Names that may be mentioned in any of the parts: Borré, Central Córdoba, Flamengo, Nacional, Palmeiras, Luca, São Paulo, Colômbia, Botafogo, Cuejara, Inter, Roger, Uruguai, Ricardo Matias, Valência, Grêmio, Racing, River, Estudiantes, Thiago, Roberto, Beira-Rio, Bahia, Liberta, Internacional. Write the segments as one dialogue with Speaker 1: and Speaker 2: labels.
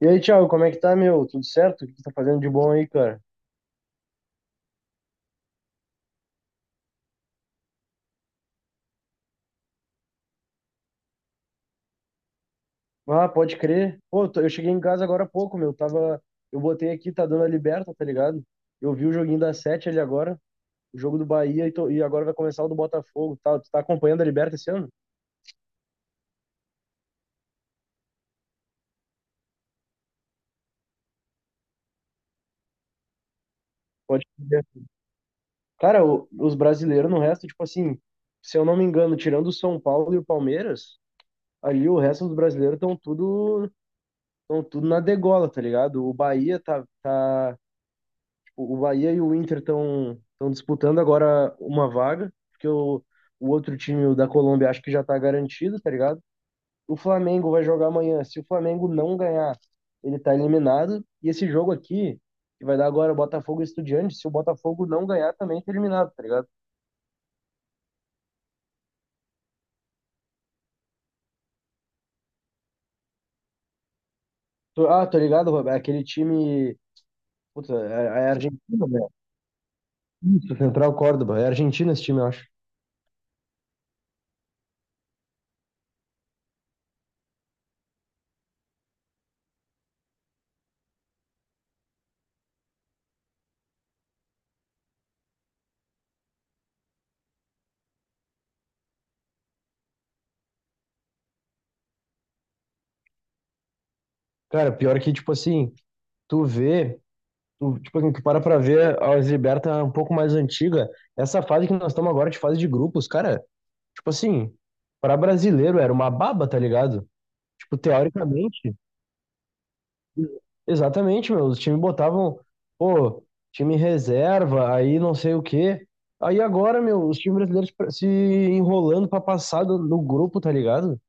Speaker 1: E aí, Thiago, como é que tá, meu? Tudo certo? O que tu tá fazendo de bom aí, cara? Ah, pode crer. Pô, eu cheguei em casa agora há pouco, meu. Tava. Eu botei aqui, tá dando a Liberta, tá ligado? Eu vi o joguinho da Sete ali agora, o jogo do Bahia, e agora vai começar o do Botafogo. Tá, tu tá acompanhando a Liberta esse ano? Pode crer. Cara, os brasileiros no resto, tipo assim, se eu não me engano, tirando o São Paulo e o Palmeiras, ali o resto dos brasileiros estão tudo na degola, tá ligado? O Bahia e o Inter estão disputando agora uma vaga, porque o outro time, o da Colômbia, acho que já tá garantido, tá ligado? O Flamengo vai jogar amanhã. Se o Flamengo não ganhar, ele tá eliminado. E esse jogo aqui, que vai dar agora, Botafogo e Estudiantes, se o Botafogo não ganhar, também tá eliminado, tá ligado? Tô ligado, Roberto. É aquele time. Puta, é Argentina, né? Do Central Córdoba. É Argentina esse time, eu acho. Cara, pior que, tipo assim, tu vê. Tu, tipo assim, tu para pra ver a Liberta um pouco mais antiga, essa fase que nós estamos agora de fase de grupos, cara, tipo assim, para brasileiro era uma baba, tá ligado? Tipo, teoricamente, exatamente, meu, os times botavam, pô, time reserva, aí não sei o quê. Aí agora, meu, os times brasileiros se enrolando pra passar no grupo, tá ligado?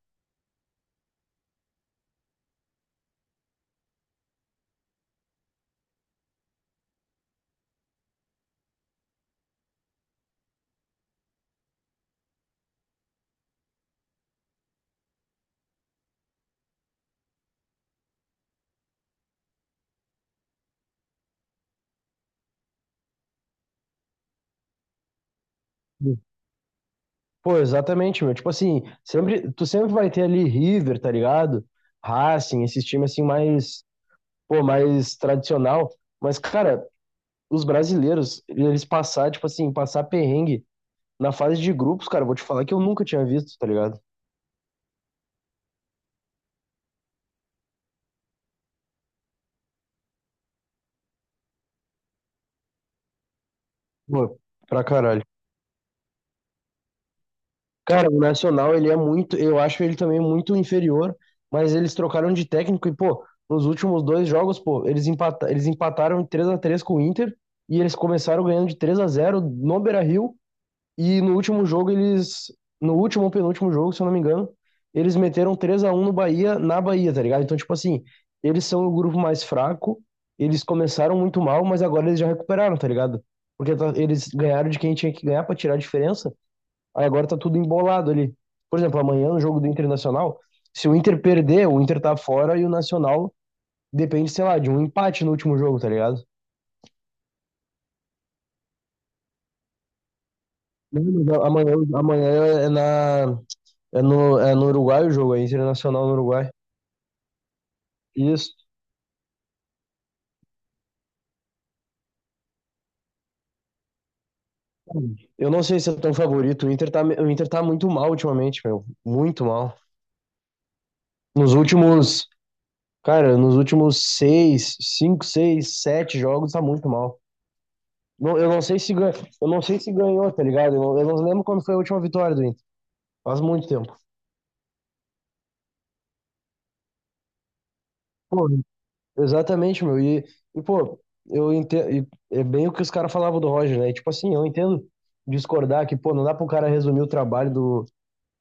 Speaker 1: Pô, exatamente, meu. Tipo assim, sempre, tu sempre vai ter ali River, tá ligado? Racing, esses times assim mais, pô, mais tradicional. Mas, cara, os brasileiros, eles passar, tipo assim, passar perrengue na fase de grupos, cara, eu vou te falar que eu nunca tinha visto, tá ligado? Pô, pra caralho. Cara, o Nacional, ele é muito, eu acho ele também muito inferior, mas eles trocaram de técnico e, pô, nos últimos dois jogos, pô, eles, empata, eles empataram em três a três com o Inter e eles começaram ganhando de três a zero no Beira-Rio. E no último jogo, eles. No último ou penúltimo jogo, se eu não me engano, eles meteram 3 a um no Bahia, na Bahia, tá ligado? Então, tipo assim, eles são o grupo mais fraco, eles começaram muito mal, mas agora eles já recuperaram, tá ligado? Porque eles ganharam de quem tinha que ganhar pra tirar a diferença, aí agora tá tudo embolado ali. Por exemplo, amanhã no jogo do Internacional, se o Inter perder, o Inter tá fora e o Nacional depende, sei lá, de um empate no último jogo, tá ligado? Não, mas amanhã é na, é no, é no Uruguai o jogo, é Internacional no Uruguai. Isso. Eu não sei se é tão favorito. O Inter tá muito mal ultimamente, meu. Muito mal. Nos últimos, cara, nos últimos seis, cinco, seis, sete jogos tá muito mal. Não, eu não sei se ganhou, tá ligado? Eu não lembro quando foi a última vitória do Inter. Faz muito tempo. Pô, exatamente, meu. E pô, eu entendo, é bem o que os caras falavam do Roger, né? E, tipo assim, eu entendo discordar que, pô, não dá pro cara resumir o trabalho do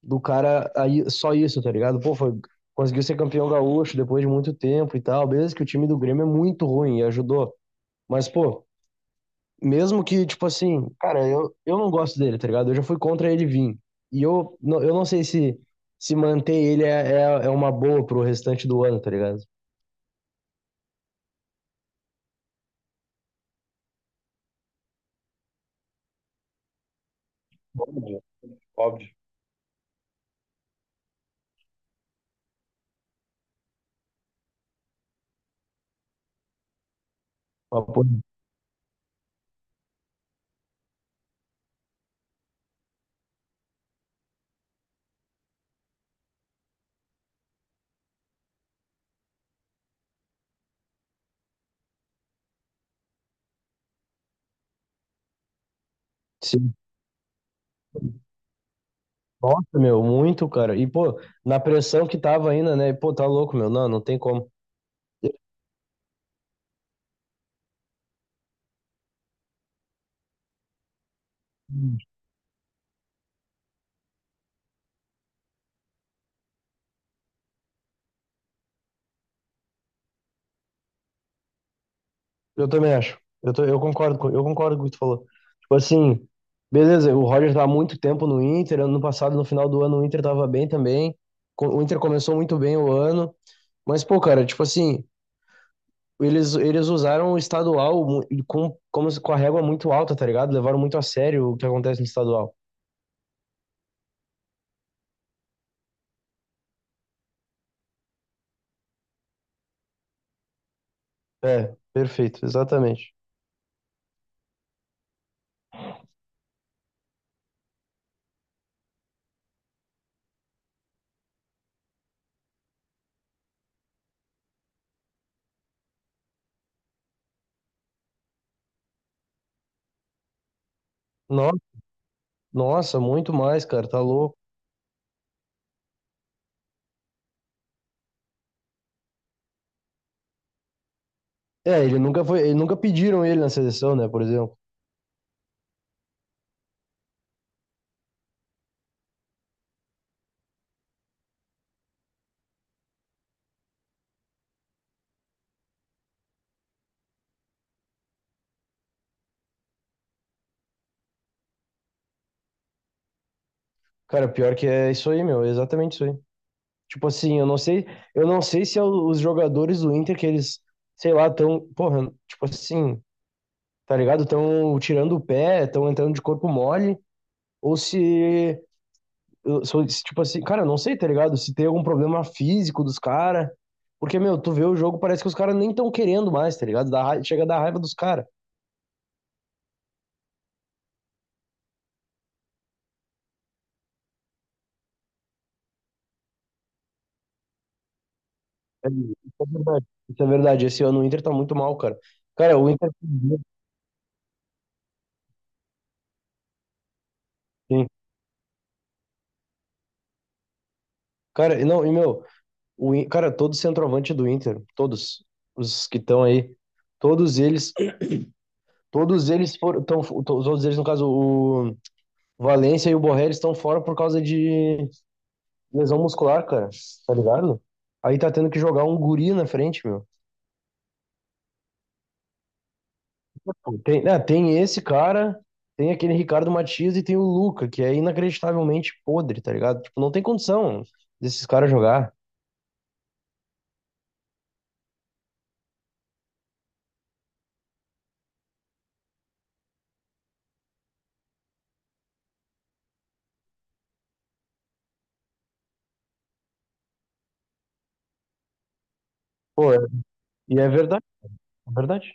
Speaker 1: do cara aí só isso, tá ligado? Pô, foi, conseguiu ser campeão gaúcho depois de muito tempo e tal. Beleza que o time do Grêmio é muito ruim e ajudou. Mas, pô, mesmo que, tipo assim, cara, eu não gosto dele, tá ligado? Eu já fui contra ele vir. Eu não sei se, se manter ele é, é uma boa pro restante do ano, tá ligado? Óbvio, óbvio. Mas, pô, sim. Nossa, meu, muito, cara. E, pô, na pressão que tava ainda, né? Pô, tá louco, meu. Não, não tem como. Eu também acho. Eu concordo com o que tu falou. Tipo assim, beleza, o Roger tá há muito tempo no Inter. Ano passado, no final do ano, o Inter tava bem também. O Inter começou muito bem o ano. Mas, pô, cara, tipo assim, eles usaram o estadual e com, como, com a régua muito alta, tá ligado? Levaram muito a sério o que acontece no estadual. É, perfeito, exatamente. No- Nossa, muito mais, cara, tá louco. É, ele nunca foi, ele nunca pediram ele na seleção, né, por exemplo. Cara, pior que é isso aí, meu, é exatamente isso aí. Tipo assim, eu não sei se é os jogadores do Inter que eles, sei lá, tão, porra, tipo assim, tá ligado? Tão tirando o pé, tão entrando de corpo mole, ou se, se, tipo assim, cara, eu não sei, tá ligado? Se tem algum problema físico dos caras, porque, meu, tu vê o jogo, parece que os caras nem tão querendo mais, tá ligado? Dá raiva, chega a dar raiva dos caras. É, isso é verdade, isso é verdade. Esse ano o Inter tá muito mal, cara. Cara, o Inter, sim. Cara, e não, e meu, cara, todo centroavante do Inter, todos os que estão aí, todos eles, todos eles, no caso, o Valência e o Borré, eles estão fora por causa de lesão muscular, cara, tá ligado? Aí tá tendo que jogar um guri na frente, meu. Tem, né, tem esse cara, tem aquele Ricardo Matias e tem o Luca, que é inacreditavelmente podre, tá ligado? Tipo, não tem condição desses caras jogar. Pô, é- e é verdade, é verdade.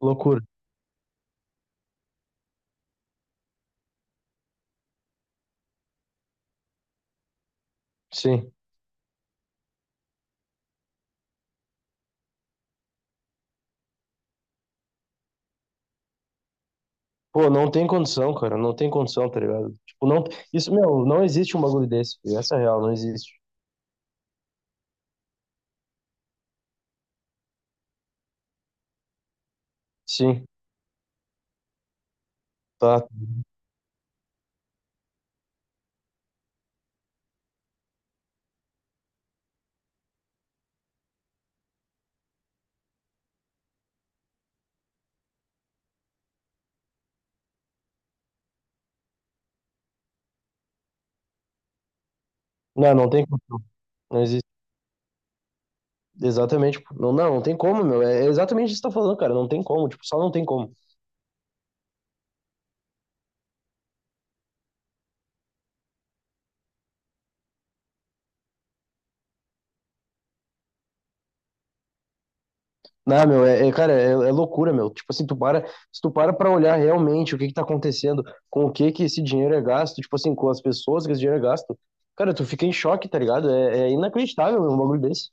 Speaker 1: Loucura, sim. Pô, não tem condição, cara. Não tem condição, tá ligado? Tipo, não. Isso, meu, não existe um bagulho desse, filho. Essa é a real, não existe. Sim, tá. Não, não tem condição. Não existe. Exatamente, pô. Não, não, não tem como, meu. É exatamente isso que você tá falando, cara. Não tem como. Tipo, só não tem como. Não, meu, cara, é loucura, meu. Tipo assim, tu para, se tu para pra olhar realmente o que que tá acontecendo, com o que que esse dinheiro é gasto, tipo assim, com as pessoas que esse dinheiro é gasto, cara, tu fica em choque, tá ligado? É, é inacreditável, meu, um bagulho desse.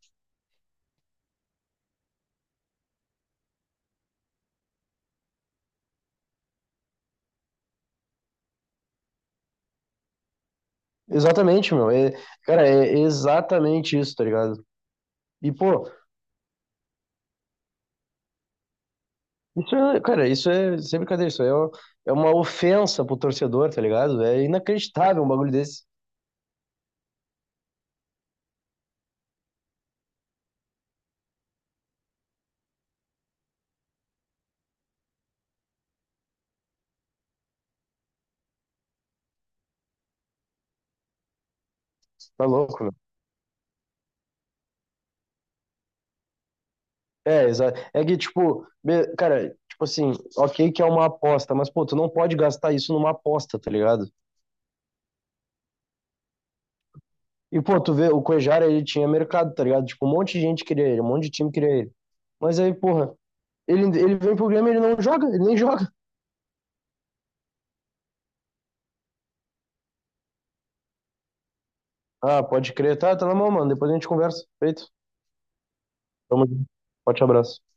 Speaker 1: Exatamente, meu. É, cara, é exatamente isso, tá ligado? E, pô, isso é, cara, isso é sem brincadeira, é uma ofensa pro torcedor, tá ligado? É inacreditável um bagulho desse. Tá louco, meu. É, exato. É que, tipo, cara, tipo assim, ok que é uma aposta, mas, pô, tu não pode gastar isso numa aposta, tá ligado? E, pô, tu vê, o Cuejara, ele tinha mercado, tá ligado? Tipo, um monte de gente queria ele, um monte de time queria ele. Mas aí, porra, ele vem pro Grêmio, e ele não joga, ele nem joga. Ah, pode crer, tá, tá na mão, mano, depois a gente conversa. Feito. Tamo junto. Forte abraço.